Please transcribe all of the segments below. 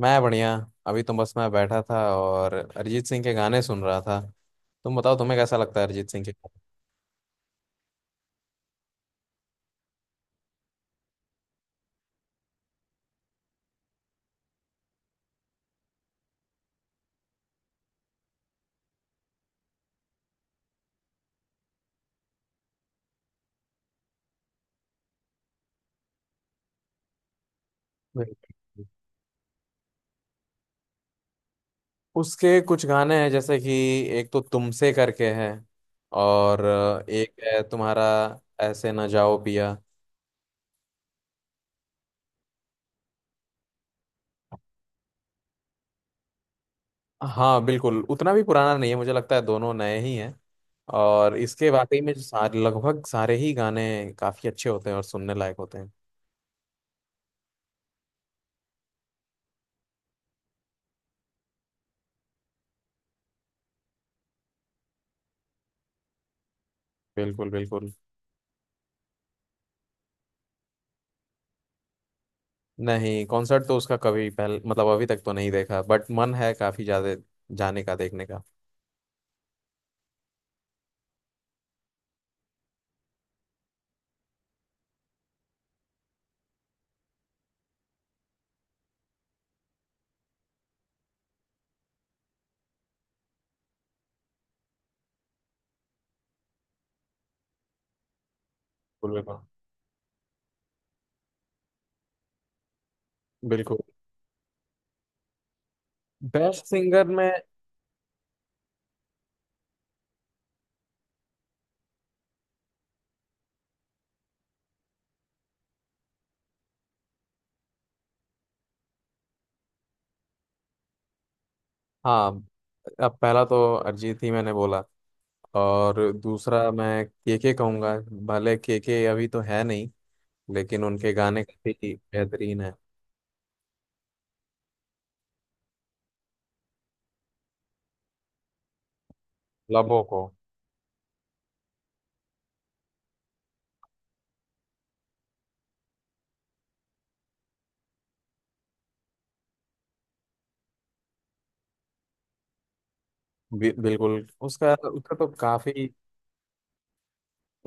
मैं बढ़िया। अभी तो बस मैं बैठा था और अरिजीत सिंह के गाने सुन रहा था। तुम बताओ तुम्हें कैसा लगता है अरिजीत सिंह के गाने? बिल्कुल। उसके कुछ गाने हैं जैसे कि एक तो तुमसे करके है, और एक है तुम्हारा ऐसे ना जाओ पिया। हाँ बिल्कुल, उतना भी पुराना नहीं है, मुझे लगता है दोनों नए ही हैं। और इसके वाकई में सारे, लगभग सारे ही गाने काफी अच्छे होते हैं और सुनने लायक होते हैं। बिल्कुल बिल्कुल। नहीं, कॉन्सर्ट तो उसका कभी पहले मतलब अभी तक तो नहीं देखा, बट मन है काफी ज्यादा जाने का, देखने का। बिल्कुल बिल्कुल। बेस्ट सिंगर में, हाँ, अब पहला तो अरिजीत ही मैंने बोला और दूसरा मैं केके कहूंगा। भले केके अभी तो है नहीं, लेकिन उनके गाने काफी बेहतरीन है। लबों को। बिल्कुल उसका उसका तो काफी,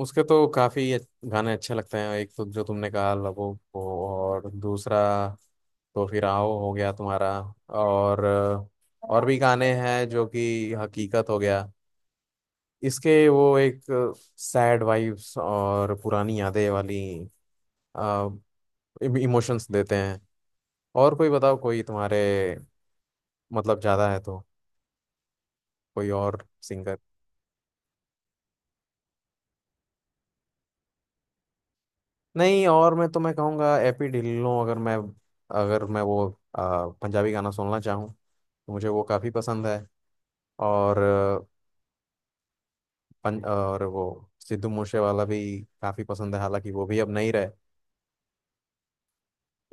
उसके तो काफी गाने अच्छे लगते हैं। एक तो जो तुमने कहा लबों को, और दूसरा तो फिर आओ हो गया तुम्हारा। और और भी गाने हैं जो कि हकीकत हो गया, इसके वो एक सैड वाइब्स और पुरानी यादें वाली इमोशंस देते हैं। और कोई बताओ कोई तुम्हारे, मतलब ज्यादा है तो कोई और सिंगर। नहीं, और मैं तुम्हें कहूँगा एपी ढिल्लों, अगर मैं अगर मैं वो पंजाबी गाना सुनना चाहूँ तो मुझे वो काफ़ी पसंद है। और और वो सिद्धू मूसे वाला भी काफ़ी पसंद है, हालांकि वो भी अब नहीं रहे।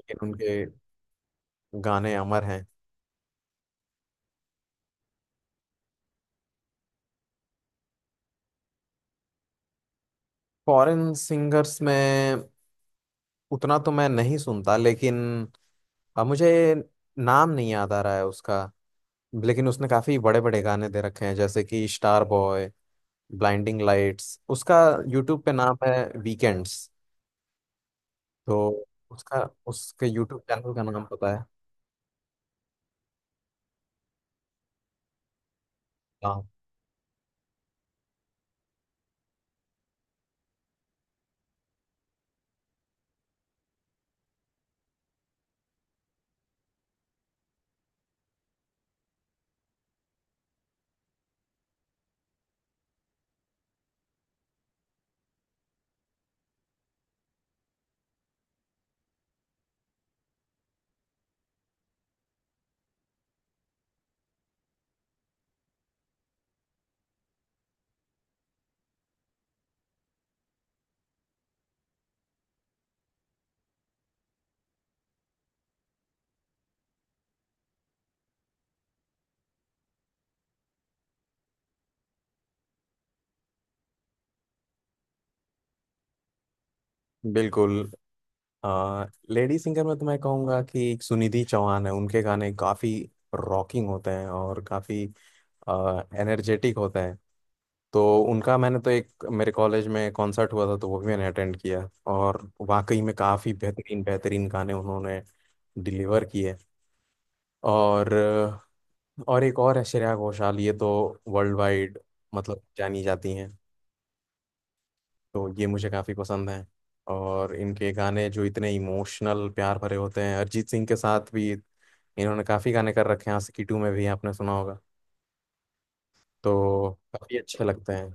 लेकिन उनके गाने अमर हैं। फॉरेन सिंगर्स में उतना तो मैं नहीं सुनता, लेकिन अब मुझे नाम नहीं याद आ रहा है उसका। लेकिन उसने काफ़ी बड़े बड़े गाने दे रखे हैं जैसे कि स्टार बॉय, ब्लाइंडिंग लाइट्स। उसका यूट्यूब पे नाम है वीकेंड्स, तो उसका, उसके यूट्यूब चैनल का नाम पता है। हाँ बिल्कुल। आ, लेडी सिंगर में तो मैं कहूँगा कि एक सुनिधि चौहान है, उनके गाने काफ़ी रॉकिंग होते हैं और काफ़ी एनर्जेटिक होते हैं। तो उनका मैंने तो एक, मेरे कॉलेज में कॉन्सर्ट हुआ था तो वो भी मैंने अटेंड किया। और वाकई में काफ़ी बेहतरीन बेहतरीन गाने उन्होंने डिलीवर किए। और और एक और है श्रेया घोषाल, ये तो वर्ल्ड वाइड मतलब जानी जाती हैं। तो ये मुझे काफ़ी पसंद हैं। और इनके गाने जो इतने इमोशनल प्यार भरे होते हैं, अरिजीत सिंह के साथ भी इन्होंने काफ़ी गाने कर रखे हैं, आशिकी टू में भी आपने सुना होगा। तो काफ़ी अच्छे लगते हैं।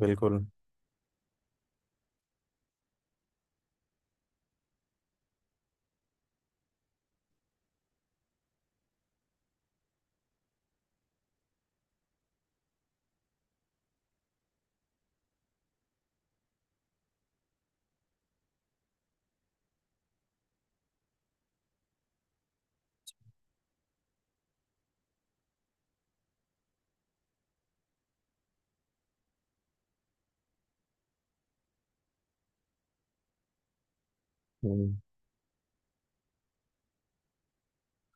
बिल्कुल। हम्म।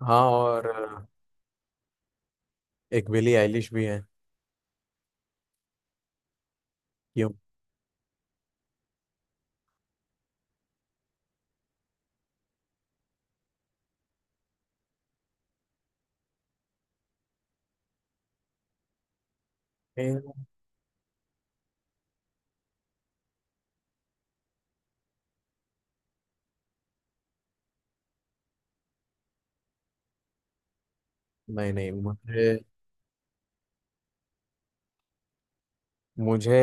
हाँ, और एक बिली आइलिश भी है। क्यों? नहीं नहीं, मुझे, मुझे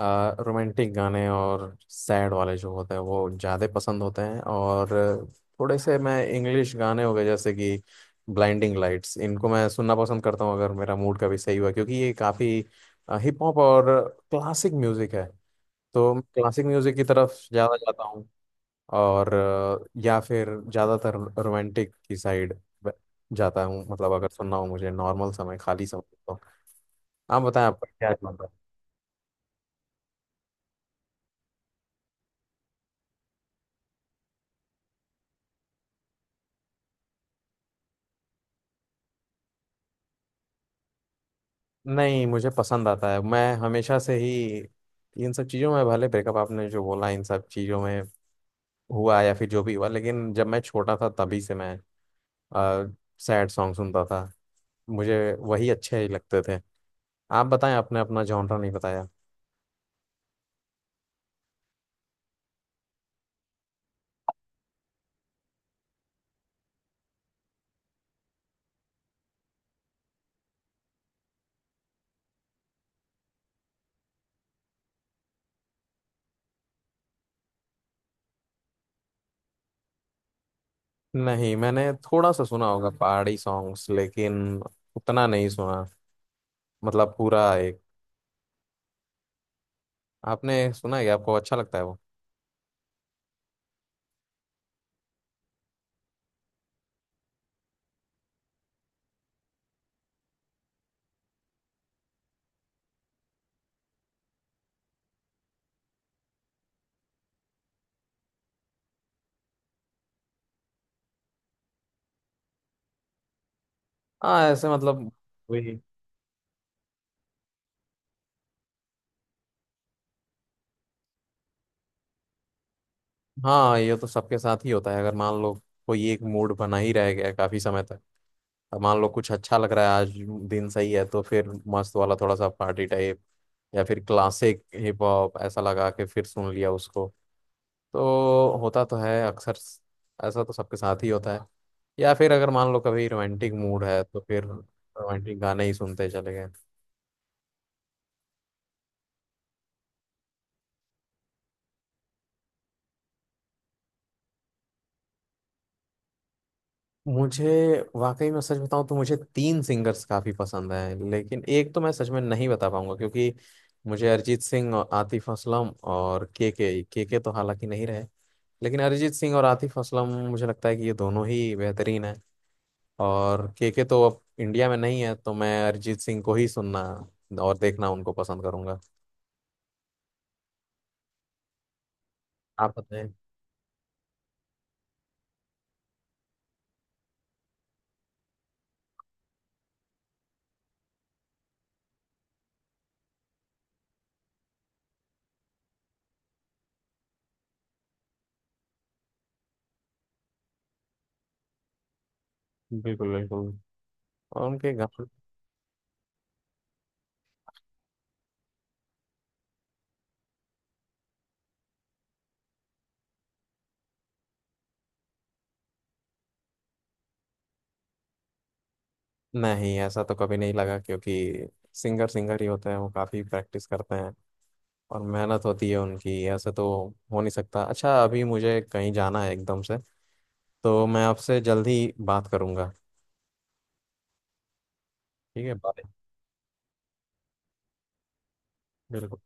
रोमांटिक गाने और सैड वाले जो होते हैं वो ज़्यादा पसंद होते हैं। और थोड़े से मैं इंग्लिश गाने हो गए जैसे कि ब्लाइंडिंग लाइट्स, इनको मैं सुनना पसंद करता हूँ अगर मेरा मूड कभी सही हुआ, क्योंकि ये काफ़ी हिप हॉप और क्लासिक म्यूज़िक है। तो मैं क्लासिक म्यूज़िक की तरफ ज़्यादा जाता हूँ। और या फिर ज़्यादातर रोमांटिक की साइड जाता हूँ, मतलब अगर सुनना हो मुझे, नॉर्मल समय, खाली समय तो। आप बताएं आपका क्या है। नहीं मुझे पसंद आता है, मैं हमेशा से ही इन सब चीज़ों में, भले ब्रेकअप आपने जो बोला इन सब चीज़ों में हुआ या फिर जो भी हुआ, लेकिन जब मैं छोटा था तभी से मैं सैड सॉन्ग सुनता था, मुझे वही अच्छे ही लगते थे। आप बताएं आपने अपना जॉनरा नहीं बताया। नहीं, मैंने थोड़ा सा सुना होगा पहाड़ी सॉन्ग्स, लेकिन उतना नहीं सुना, मतलब पूरा एक। आपने सुना है क्या? आपको अच्छा लगता है वो? हाँ ऐसे, मतलब वही। हाँ ये तो सबके साथ ही होता है। अगर मान लो कोई एक मूड बना ही रह गया काफी समय तक, अब मान लो कुछ अच्छा लग रहा है आज, दिन सही है तो फिर मस्त वाला, थोड़ा सा पार्टी टाइप, या फिर क्लासिक हिप हॉप ऐसा लगा के फिर सुन लिया उसको। तो होता तो है अक्सर, ऐसा तो सबके साथ ही होता है। या फिर अगर मान लो कभी रोमांटिक मूड है तो फिर रोमांटिक गाने ही सुनते चले गए। मुझे, वाकई में सच बताऊं तो मुझे तीन सिंगर्स काफी पसंद हैं, लेकिन एक तो मैं सच में नहीं बता पाऊंगा क्योंकि मुझे अरिजीत सिंह और आतिफ असलम और के, के तो हालांकि नहीं रहे, लेकिन अरिजीत सिंह और आतिफ असलम मुझे लगता है कि ये दोनों ही बेहतरीन हैं। और के तो अब इंडिया में नहीं है, तो मैं अरिजीत सिंह को ही सुनना और देखना, उनको पसंद करूंगा। आप बताएं। बिल्कुल बिल्कुल, और उनके गाने। नहीं ऐसा तो कभी नहीं लगा, क्योंकि सिंगर सिंगर ही होते हैं, वो काफी प्रैक्टिस करते हैं और मेहनत होती है उनकी, ऐसे तो हो नहीं सकता। अच्छा, अभी मुझे कहीं जाना है एकदम से, तो मैं आपसे जल्दी बात करूंगा। ठीक है, बाय। बिल्कुल।